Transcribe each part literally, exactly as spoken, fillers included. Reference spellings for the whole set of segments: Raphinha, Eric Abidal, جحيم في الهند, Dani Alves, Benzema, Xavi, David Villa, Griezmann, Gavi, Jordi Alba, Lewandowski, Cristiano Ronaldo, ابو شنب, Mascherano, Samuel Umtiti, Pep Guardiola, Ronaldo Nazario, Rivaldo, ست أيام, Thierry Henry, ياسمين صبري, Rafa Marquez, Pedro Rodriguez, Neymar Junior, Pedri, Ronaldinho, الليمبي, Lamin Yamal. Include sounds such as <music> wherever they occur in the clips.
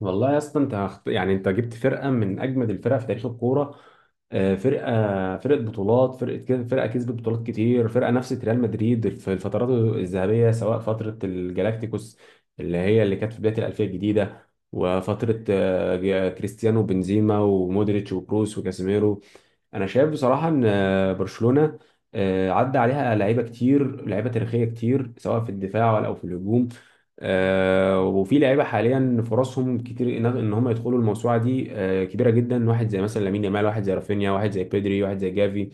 والله يا اسطى انت هخت... يعني انت جبت فرقه من اجمد الفرق في تاريخ الكوره. آه، فرقه فرقه بطولات، فرقه كده، فرقه كسبت بطولات كتير، فرقه نفست ريال مدريد في الفترات الذهبيه، سواء فتره الجلاكتيكوس اللي هي اللي كانت في بدايه الالفيه الجديده، وفتره آه، كريستيانو، بنزيما، ومودريتش، وكروس، وكاسيميرو. انا شايف بصراحه ان برشلونه آه، عدى عليها لعيبه كتير، لعيبه تاريخيه كتير، سواء في الدفاع ولا او في الهجوم. آه، وفي لعيبه حاليا فرصهم كتير ان إن هم يدخلوا الموسوعه دي آه، كبيره جدا، واحد زي مثلا لامين يامال، واحد زي رافينيا، واحد زي بيدري، واحد زي جافي.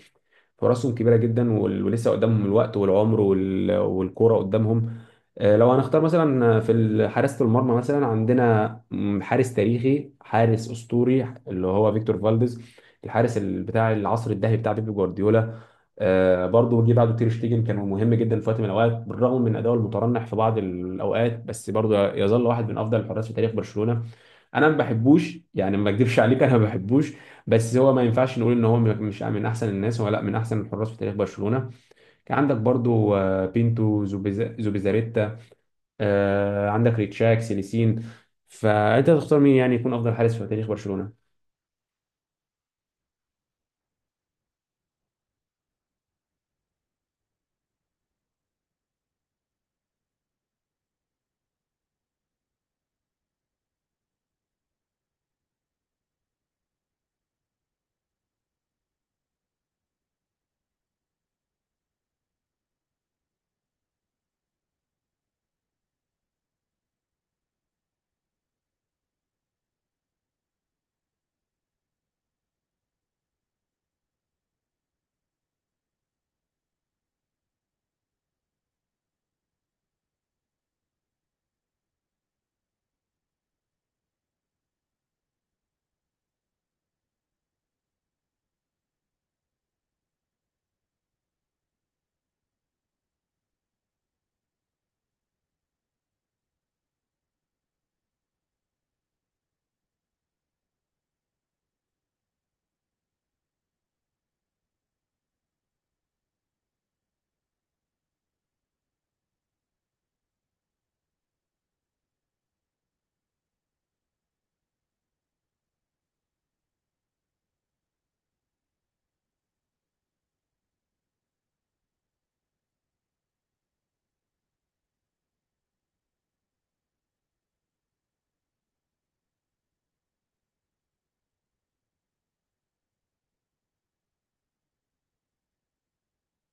فرصهم كبيره جدا، وال- ولسه قدامهم الوقت والعمر، وال- والكوره قدامهم. آه، لو هنختار مثلا في ال- حراسه المرمى، مثلا عندنا مم، حارس تاريخي، حارس اسطوري، اللي هو فيكتور فالديز، الحارس ال- بتاع العصر الذهبي بتاع بيب جوارديولا. آه، برضه جه بعده تير شتيجن، كان مهم جدا في وقت من الاوقات، بالرغم من اداؤه المترنح في بعض الاوقات، بس برضه يظل واحد من افضل الحراس في تاريخ برشلونه. انا ما بحبوش، يعني ما اكذبش عليك انا ما بحبوش، بس هو ما ينفعش نقول ان هو مش من احسن الناس، هو لا من احسن الحراس في تاريخ برشلونه. كان عندك برضو آه، بينتو، زوبيزا- زوبيزاريتا، آه، عندك ريتشاك سيليسين. فانت تختار مين يعني يكون افضل حارس في تاريخ برشلونه؟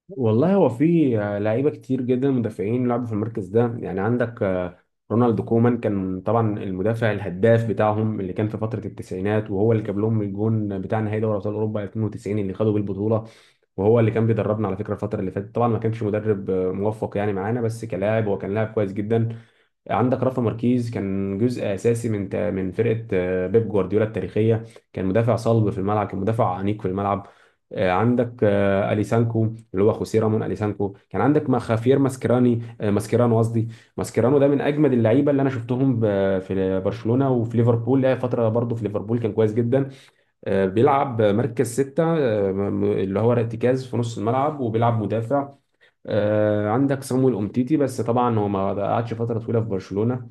والله هو في آه، لعيبه كتير جدا مدافعين لعبوا في المركز ده، يعني عندك آه، رونالد كومان، كان طبعا المدافع الهداف بتاعهم، اللي كان في فتره التسعينات، وهو اللي جاب لهم الجون بتاع نهائي دوري ابطال اوروبا اتنين وتسعين اللي خدوا بيه البطوله. وهو اللي كان بيدربنا على فكره الفتره اللي فاتت، طبعا ما كانش مدرب آه، موفق يعني معانا، بس كلاعب هو كان لاعب كويس جدا. عندك رافا ماركيز، كان جزء اساسي من تا- من فرقه آه، بيب جوارديولا التاريخيه، كان مدافع صلب في الملعب، كان مدافع انيق في الملعب. آه، عندك آه، اليسانكو، اللي هو خوسيه رامون اليسانكو. كان عندك ما خافير ماسكراني آه، ماسكيرانو قصدي. ماسكيرانو ده من اجمد اللعيبه اللي انا شفتهم ب- في برشلونه، وفي ليفربول لها فتره برضه، في ليفربول كان كويس جدا. آه، بيلعب مركز ستة آه، م- م- اللي هو ارتكاز في نص الملعب، وبيلعب مدافع. آه، عندك صامويل أومتيتي، بس طبعا هو ما قعدش فترة طويلة في برشلونة.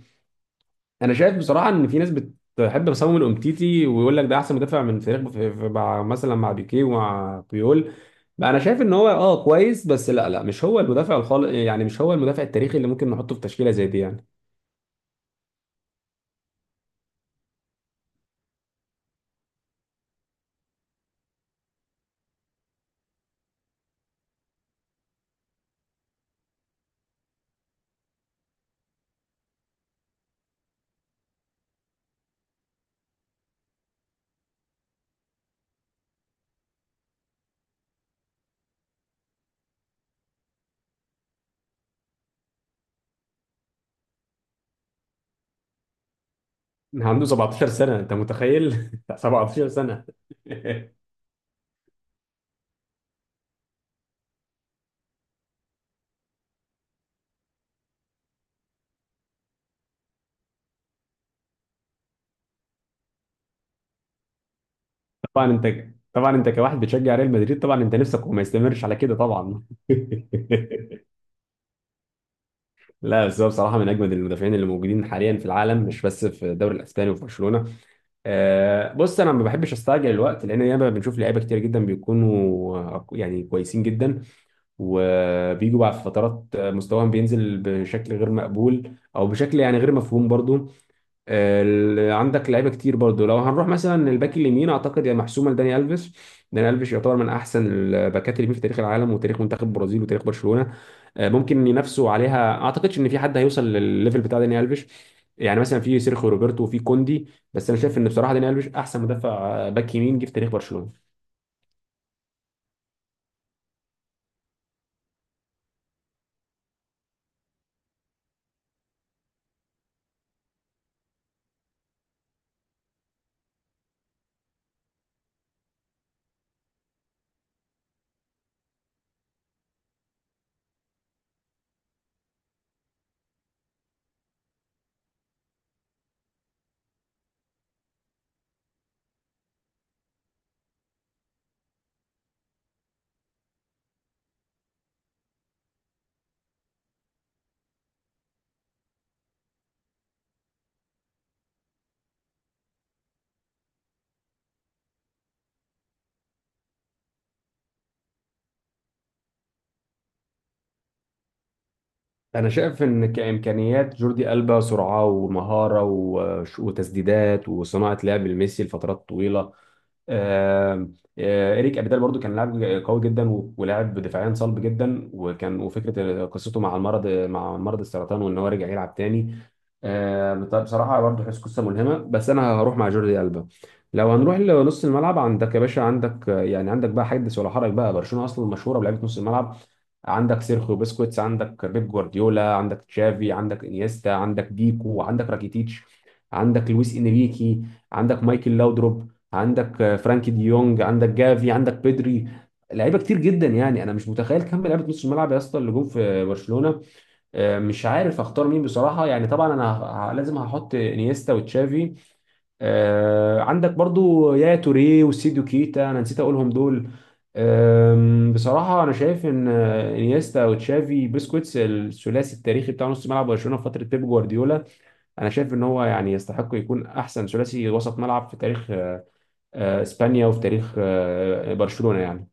انا شايف بصراحه ان في ناس بتحب بسام الامتيتي ويقول لك ده احسن مدافع من فريق في في- مع مثلا مع بيكيه ومع بيول. بقى انا شايف ان هو اه كويس، بس لا لا، مش هو المدافع الخالق يعني، مش هو المدافع التاريخي اللي ممكن نحطه في تشكيله زي دي يعني. عنده سبعة عشر سنه، انت متخيل؟ <laughs> سبعة عشر سنه. <laughs> طبعا انت، طبعا انت كواحد بتشجع ريال مدريد طبعا انت نفسك وما يستمرش على كده طبعا. <laughs> لا بس هو بصراحه من اجمد المدافعين اللي موجودين حاليا في العالم، مش بس في الدوري الاسباني وفي برشلونه. آه، بص انا ما بحبش استعجل الوقت، لان ياما بنشوف لعيبه كتير جدا بيكونوا آه، يعني كويسين جدا، وبيجوا بعد فترات آه، مستواهم بينزل بشكل غير مقبول، او بشكل يعني غير مفهوم برضو. ال- عندك لعيبه كتير برضو. لو هنروح مثلا الباك اليمين، اعتقد يا محسومه لداني الفيش. داني الفيش يعتبر من احسن الباكات اليمين في تاريخ العالم، وتاريخ منتخب البرازيل، وتاريخ برشلونه. آه، ممكن ينافسوا عليها، اعتقدش ان في حد هيوصل للليفل بتاع داني الفيش، يعني مثلا في سيرخيو روبرتو وفي كوندي، بس انا شايف ان بصراحه داني الفيش احسن مدافع آه، باك يمين جه في تاريخ برشلونه. انا شايف ان كامكانيات جوردي البا، سرعه ومهاره وش- وتسديدات وصناعه لعب لميسي لفترات طويله. آه، آه، إريك أبيدال برضو كان لاعب قوي جدا، و- ولاعب دفاعيا صلب جدا، وكان وفكرة قصته مع المرض، مع مرض السرطان، وإن هو رجع يلعب تاني. آه، طب بصراحة برضو حس قصة ملهمة، بس أنا هروح مع جوردي ألبا. لو هنروح لنص الملعب، عندك يا باشا عندك آه، يعني عندك بقى حدث ولا حرج بقى، برشلونة أصلا مشهورة بلعيبة نص الملعب. عندك سيرخيو بسكوتس، عندك بيب جوارديولا، عندك تشافي، عندك انيستا، عندك بيكو، عندك راكيتيتش، عندك لويس انريكي، عندك مايكل لاودروب، عندك آه، فرانكي ديونج، عندك جافي، عندك بيدري. لعيبه كتير جدا، يعني انا مش متخيل كم لعيبه نص الملعب يا اسطى اللي جم في برشلونه. آه، مش عارف اختار مين بصراحه، يعني طبعا انا ه- ه- لازم هحط انيستا وتشافي. آه، عندك برضو يا توريه وسيديو كيتا، انا نسيت اقولهم دول. آم، بصراحة أنا شايف إن آه، إنيستا وتشافي بيسكوتس، الثلاثي التاريخي بتاع نص ملعب برشلونة في فترة بيب جوارديولا. أنا شايف إن هو يعني يستحق يكون أحسن ثلاثي وسط ملعب في تاريخ آه، إسبانيا وفي تاريخ آه، برشلونة يعني.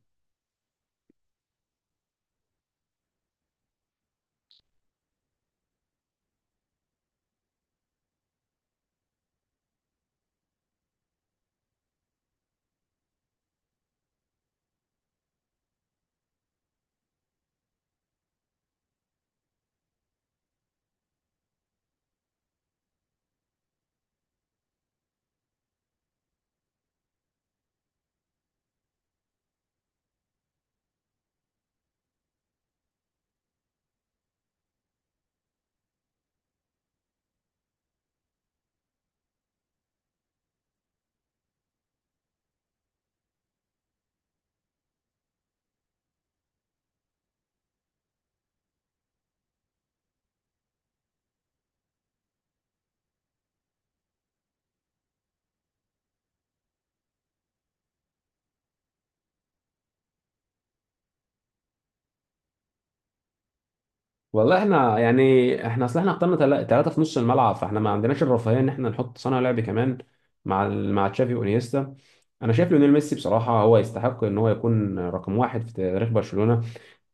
والله احنا يعني احنا اصل احنا اخترنا ثلاثة في نص الملعب، فاحنا ما عندناش الرفاهية ان احنا نحط صانع لعب كمان مع ال- مع تشافي وانيستا. انا شايف ليونيل ميسي بصراحة هو يستحق ان هو يكون رقم واحد في تاريخ برشلونة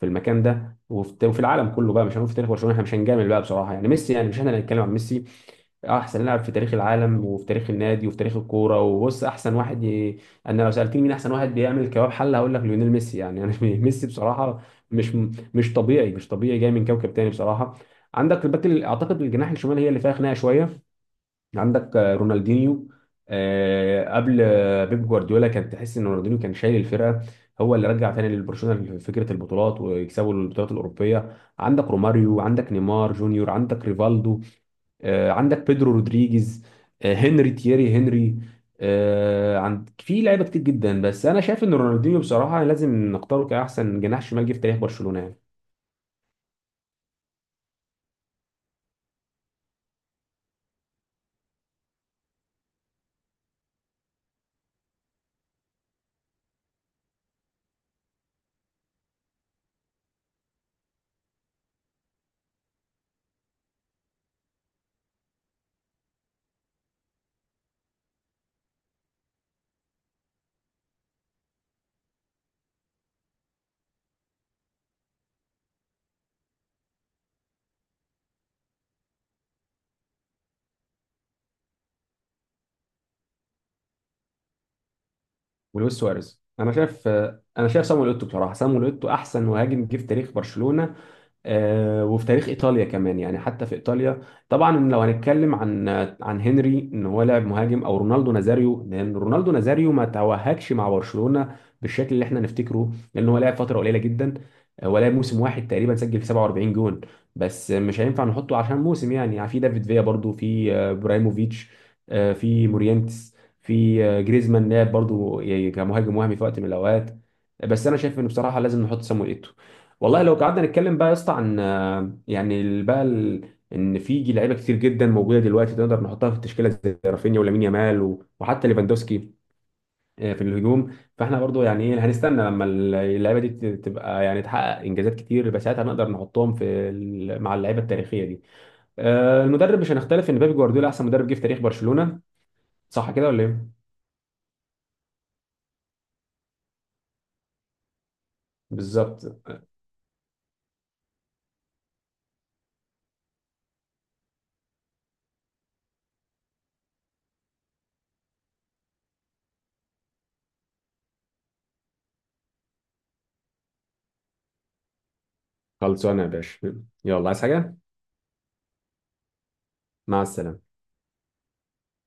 في المكان ده، وفي وفي العالم كله بقى. مش هنقول في تاريخ برشلونه، احنا مش هنجامل بقى بصراحه يعني، ميسي يعني مش احنا اللي هنتكلم عن ميسي، احسن لاعب في تاريخ العالم وفي تاريخ النادي وفي تاريخ الكوره. وبص، احسن واحد ي... انا لو سالتني مين احسن واحد بيعمل كباب حله هقول لك ليونيل ميسي، يعني انا <laughs> ميسي بصراحه. مش مش طبيعي، مش طبيعي، جاي من كوكب تاني بصراحه. عندك الباك ال- اعتقد الجناح الشمال هي اللي فيها خناقه شويه. عندك آه، رونالدينيو، آه، قبل آه، بيب جوارديولا كان تحس ان رونالدينيو كان شايل الفرقه، هو اللي رجع تاني للبرشلونه فكره البطولات، ويكسبوا البطولات الاوروبيه. عندك روماريو، عندك نيمار جونيور، عندك ريفالدو، آه، عندك بيدرو رودريجيز، آه، هنري تييري هنري، آه، عند في لعيبه كتير جدا، بس انا شايف ان رونالدينيو بصراحه لازم نختاره كاحسن جناح شمال جه في تاريخ برشلونه يعني. ولويس سواريز، انا شايف آه، انا شايف صامويل اوتو بصراحه، صامويل اوتو احسن مهاجم جه في تاريخ برشلونه، آه، وفي تاريخ ايطاليا كمان، يعني حتى في ايطاليا. طبعا لو هنتكلم عن عن هنري ان هو لاعب مهاجم، او رونالدو نازاريو، لان رونالدو نازاريو ما توهجش مع برشلونة بالشكل اللي احنا نفتكره، لان هو لعب فترة قليلة جدا، هو لعب موسم واحد تقريبا، سجل في سبعة واربعين جون. بس مش هينفع نحطه عشان موسم يعني، يعني في دافيد فيا برضو، في آه، ابراهيموفيتش، آه، في مورينتس، في آه، جريزمان لعب برضو يعني كمهاجم وهمي في وقت من الاوقات. بس انا شايف انه بصراحة لازم نحط سامويل. والله لو قعدنا نتكلم بقى يا اسطى عن آه، يعني ال- بقى ال... ان في جي- لعيبه كتير جدا موجوده دلوقتي تقدر نحطها في التشكيله، زي رافينيا ولامين يامال و... وحتى ليفاندوسكي آه، في الهجوم. فاحنا برضو يعني ايه، هنستنى لما ال- اللعيبه دي ت- تبقى يعني تحقق انجازات كتير، يبقى ساعتها نقدر نحطهم في ال... مع اللعيبه التاريخيه دي. آه، المدرب مش هنختلف ان بيب جوارديولا احسن مدرب جه في تاريخ برشلونه. صح كده ولا ايه؟ بالظبط. خلصانه يا باشا، يلا عايز حاجه؟ مع السلامه.